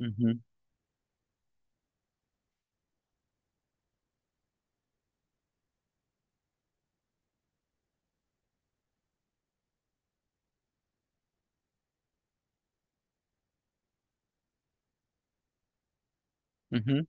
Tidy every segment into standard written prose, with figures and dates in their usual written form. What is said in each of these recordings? Uhum, uhum.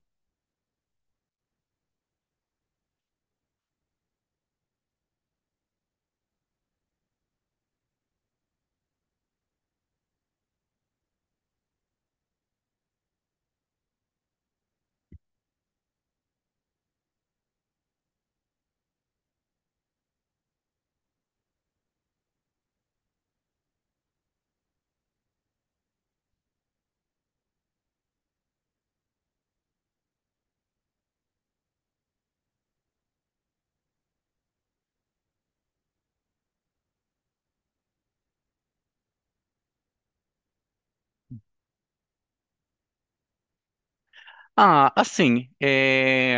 Ah, assim,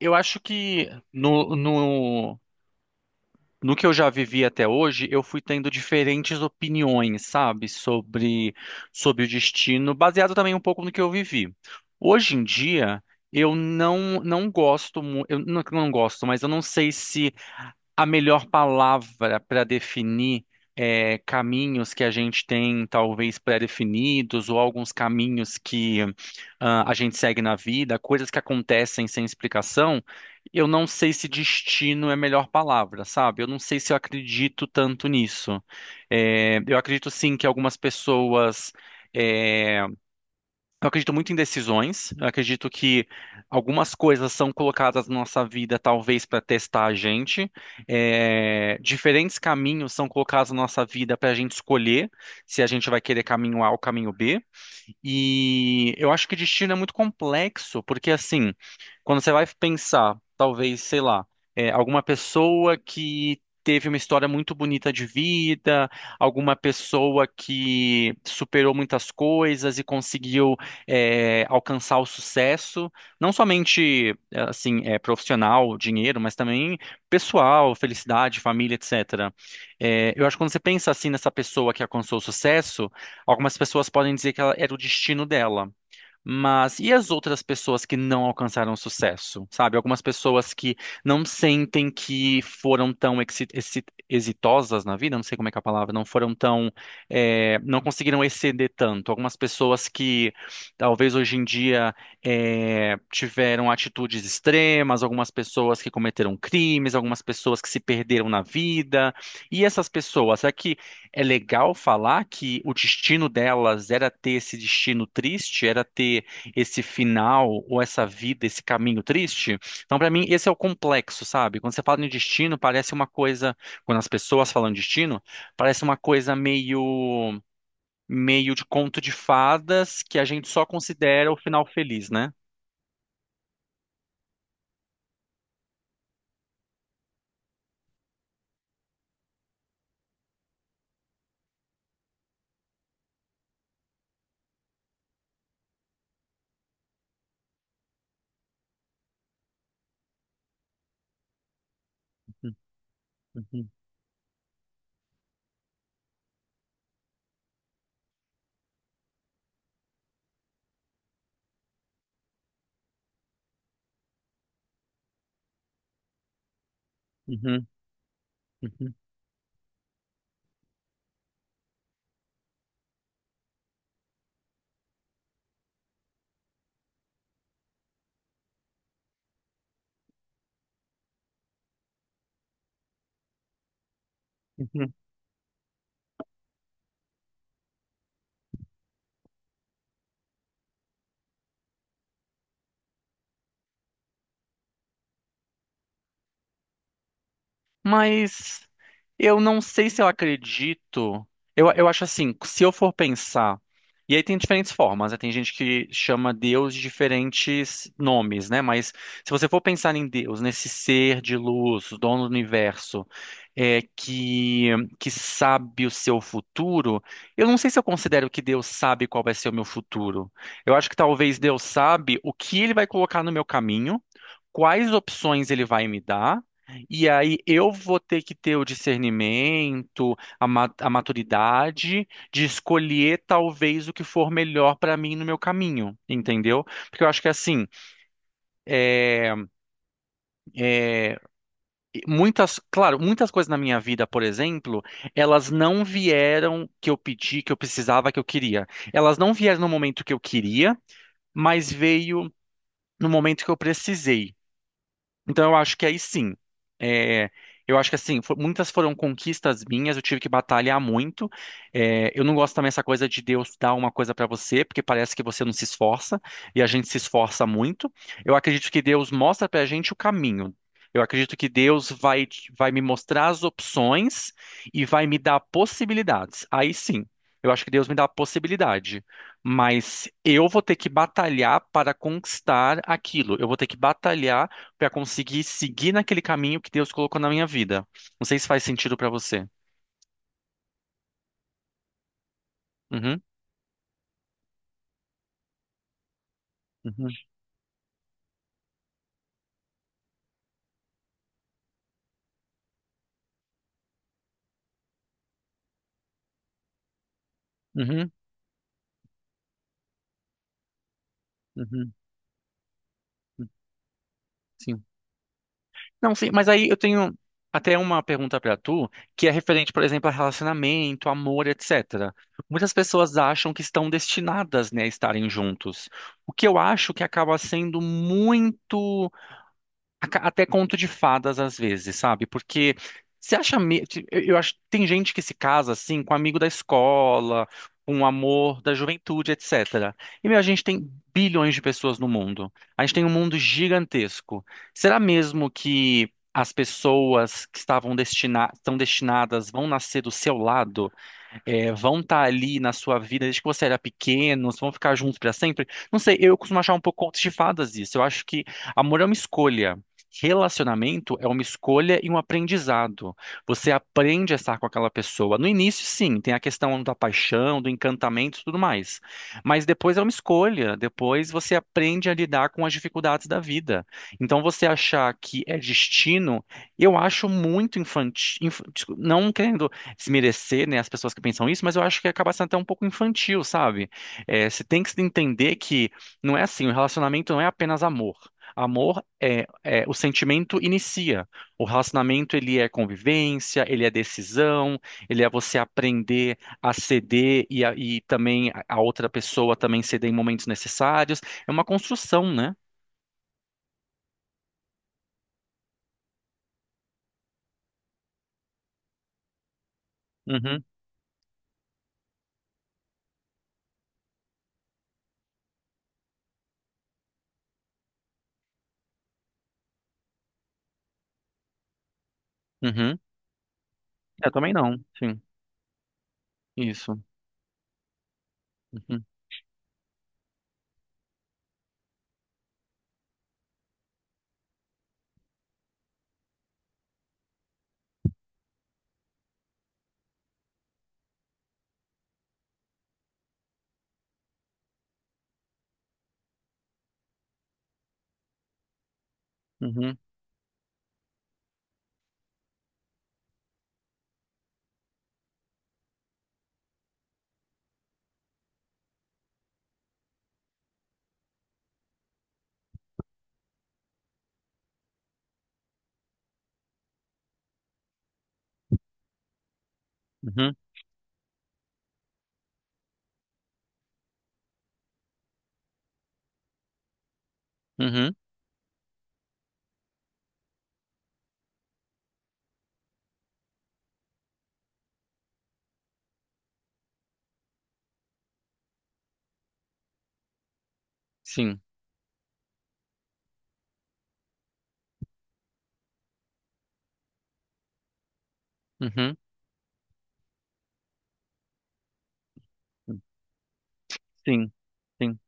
eu acho que no, no, no que eu já vivi até hoje, eu fui tendo diferentes opiniões, sabe, sobre o destino, baseado também um pouco no que eu vivi. Hoje em dia, eu não gosto, mas eu não sei se a melhor palavra para definir caminhos que a gente tem talvez pré-definidos, ou alguns caminhos que ah, a gente segue na vida, coisas que acontecem sem explicação. Eu não sei se destino é a melhor palavra, sabe? Eu não sei se eu acredito tanto nisso. É, eu acredito sim que algumas pessoas. é, eu acredito muito em decisões. Eu acredito que algumas coisas são colocadas na nossa vida, talvez para testar a gente. É, diferentes caminhos são colocados na nossa vida para a gente escolher se a gente vai querer caminho A ou caminho B. E eu acho que destino é muito complexo, porque assim, quando você vai pensar, talvez, sei lá, alguma pessoa que teve uma história muito bonita de vida, alguma pessoa que superou muitas coisas e conseguiu alcançar o sucesso, não somente profissional, dinheiro, mas também pessoal, felicidade, família, etc. É, eu acho que quando você pensa assim nessa pessoa que alcançou o sucesso, algumas pessoas podem dizer que ela era o destino dela. Mas e as outras pessoas que não alcançaram sucesso, sabe? Algumas pessoas que não sentem que foram tão exitosas na vida, não sei como é que é a palavra, não foram tão, não conseguiram exceder tanto. Algumas pessoas que talvez hoje em dia tiveram atitudes extremas, algumas pessoas que cometeram crimes, algumas pessoas que se perderam na vida. E essas pessoas, aqui. É legal falar que o destino delas era ter esse destino triste, era ter esse final ou essa vida, esse caminho triste. Então, para mim, esse é o complexo, sabe? Quando você fala em destino, parece uma coisa, quando as pessoas falam de destino, parece uma coisa meio de conto de fadas que a gente só considera o final feliz, né? Uhum, uhum, uhum, uhum, uhum. Mas eu não sei se eu acredito. Eu acho assim, se eu for pensar. E aí tem diferentes formas, né? Tem gente que chama Deus de diferentes nomes, né? Mas se você for pensar em Deus, nesse ser de luz, dono do universo, é, que, que sabe o seu futuro, eu não sei se eu considero que Deus sabe qual vai ser o meu futuro. Eu acho que talvez Deus sabe o que ele vai colocar no meu caminho, quais opções ele vai me dar. E aí eu vou ter que ter o discernimento, a maturidade de escolher talvez o que for melhor para mim no meu caminho, entendeu? Porque eu acho que assim, é, é, muitas, claro, muitas coisas na minha vida, por exemplo, elas não vieram que eu pedi, que eu precisava, que eu queria. Elas não vieram no momento que eu queria, mas veio no momento que eu precisei. Então eu acho que aí sim. É, eu acho que assim, muitas foram conquistas minhas, eu tive que batalhar muito. É, eu não gosto também dessa coisa de Deus dar uma coisa pra você, porque parece que você não se esforça, e a gente se esforça muito. Eu acredito que Deus mostra pra gente o caminho. Eu acredito que Deus vai, vai me mostrar as opções e vai me dar possibilidades. Aí sim, eu acho que Deus me dá a possibilidade. Mas eu vou ter que batalhar para conquistar aquilo. Eu vou ter que batalhar para conseguir seguir naquele caminho que Deus colocou na minha vida. Não sei se faz sentido para você. Uhum, uhum, uhum, uhum, uhum, sim. Não, sim, mas aí eu tenho até uma pergunta para tu, que é referente, por exemplo, a relacionamento, amor, etc. Muitas pessoas acham que estão destinadas, né, a estarem juntos. O que eu acho que acaba sendo muito até conto de fadas às vezes, sabe? Porque você acha, eu acho, tem gente que se casa assim com amigo da escola, com o amor da juventude, etc. E meu, a gente tem bilhões de pessoas no mundo. A gente tem um mundo gigantesco. Será mesmo que as pessoas que estavam estão destinadas vão nascer do seu lado? Vão estar ali na sua vida desde que você era pequeno, vão ficar juntos para sempre. Não sei, eu costumo achar um pouco contos de fadas isso. Eu acho que amor é uma escolha. Relacionamento é uma escolha e um aprendizado. Você aprende a estar com aquela pessoa. No início, sim, tem a questão da paixão, do encantamento e tudo mais. Mas depois é uma escolha. Depois você aprende a lidar com as dificuldades da vida. Então, você achar que é destino, eu acho muito infantil. Não querendo se merecer, né, as pessoas que pensam isso, mas eu acho que acaba sendo até um pouco infantil, sabe? É, você tem que se entender que não é assim, o relacionamento não é apenas amor. Amor o sentimento inicia. O relacionamento ele é convivência, ele é decisão, ele é você aprender a ceder e também a outra pessoa também ceder em momentos necessários. É uma construção, né? Uhum, uhum. Eu também não. Sim, isso. Uhum, uhum, uhum, uhum. Sim. Uhum. Sim, sim.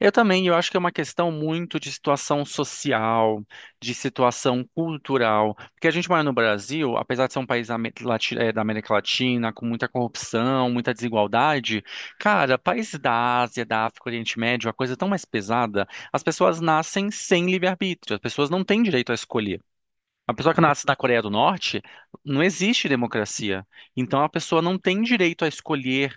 Eu também, eu acho que é uma questão muito de situação social, de situação cultural, porque a gente mora no Brasil, apesar de ser um país da da América Latina, com muita corrupção, muita desigualdade, cara, países da Ásia, da África, Oriente Médio, a coisa é tão mais pesada, as pessoas nascem sem livre-arbítrio, as pessoas não têm direito a escolher. A pessoa que nasce na Coreia do Norte, não existe democracia. Então a pessoa não tem direito a escolher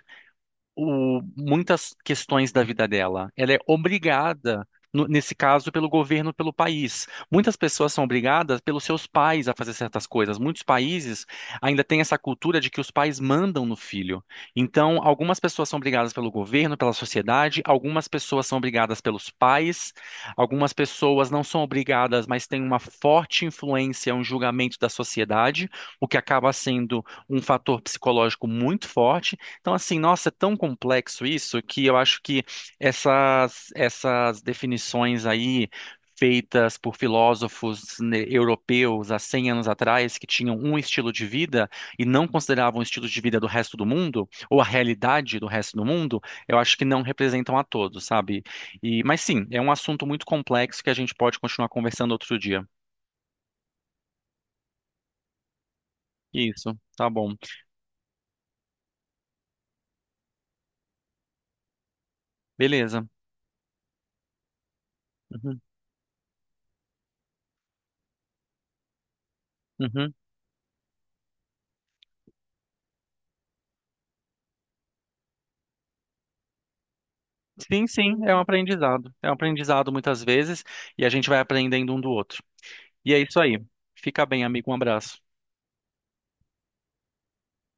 muitas questões da vida dela. Ela é obrigada, nesse caso, pelo governo, pelo país. Muitas pessoas são obrigadas pelos seus pais a fazer certas coisas. Muitos países ainda têm essa cultura de que os pais mandam no filho. Então, algumas pessoas são obrigadas pelo governo, pela sociedade, algumas pessoas são obrigadas pelos pais, algumas pessoas não são obrigadas, mas têm uma forte influência, um julgamento da sociedade, o que acaba sendo um fator psicológico muito forte. Então, assim, nossa, é tão complexo isso que eu acho que essas definições aí feitas por filósofos, né, europeus há 100 anos atrás, que tinham um estilo de vida e não consideravam o estilo de vida do resto do mundo ou a realidade do resto do mundo, eu acho que não representam a todos, sabe? E, mas sim, é um assunto muito complexo que a gente pode continuar conversando outro dia. Isso, tá bom. Beleza. Uhum, uhum. Sim, sim, é um aprendizado. É um aprendizado muitas vezes e a gente vai aprendendo um do outro. E é isso aí. Fica bem, amigo. Um abraço.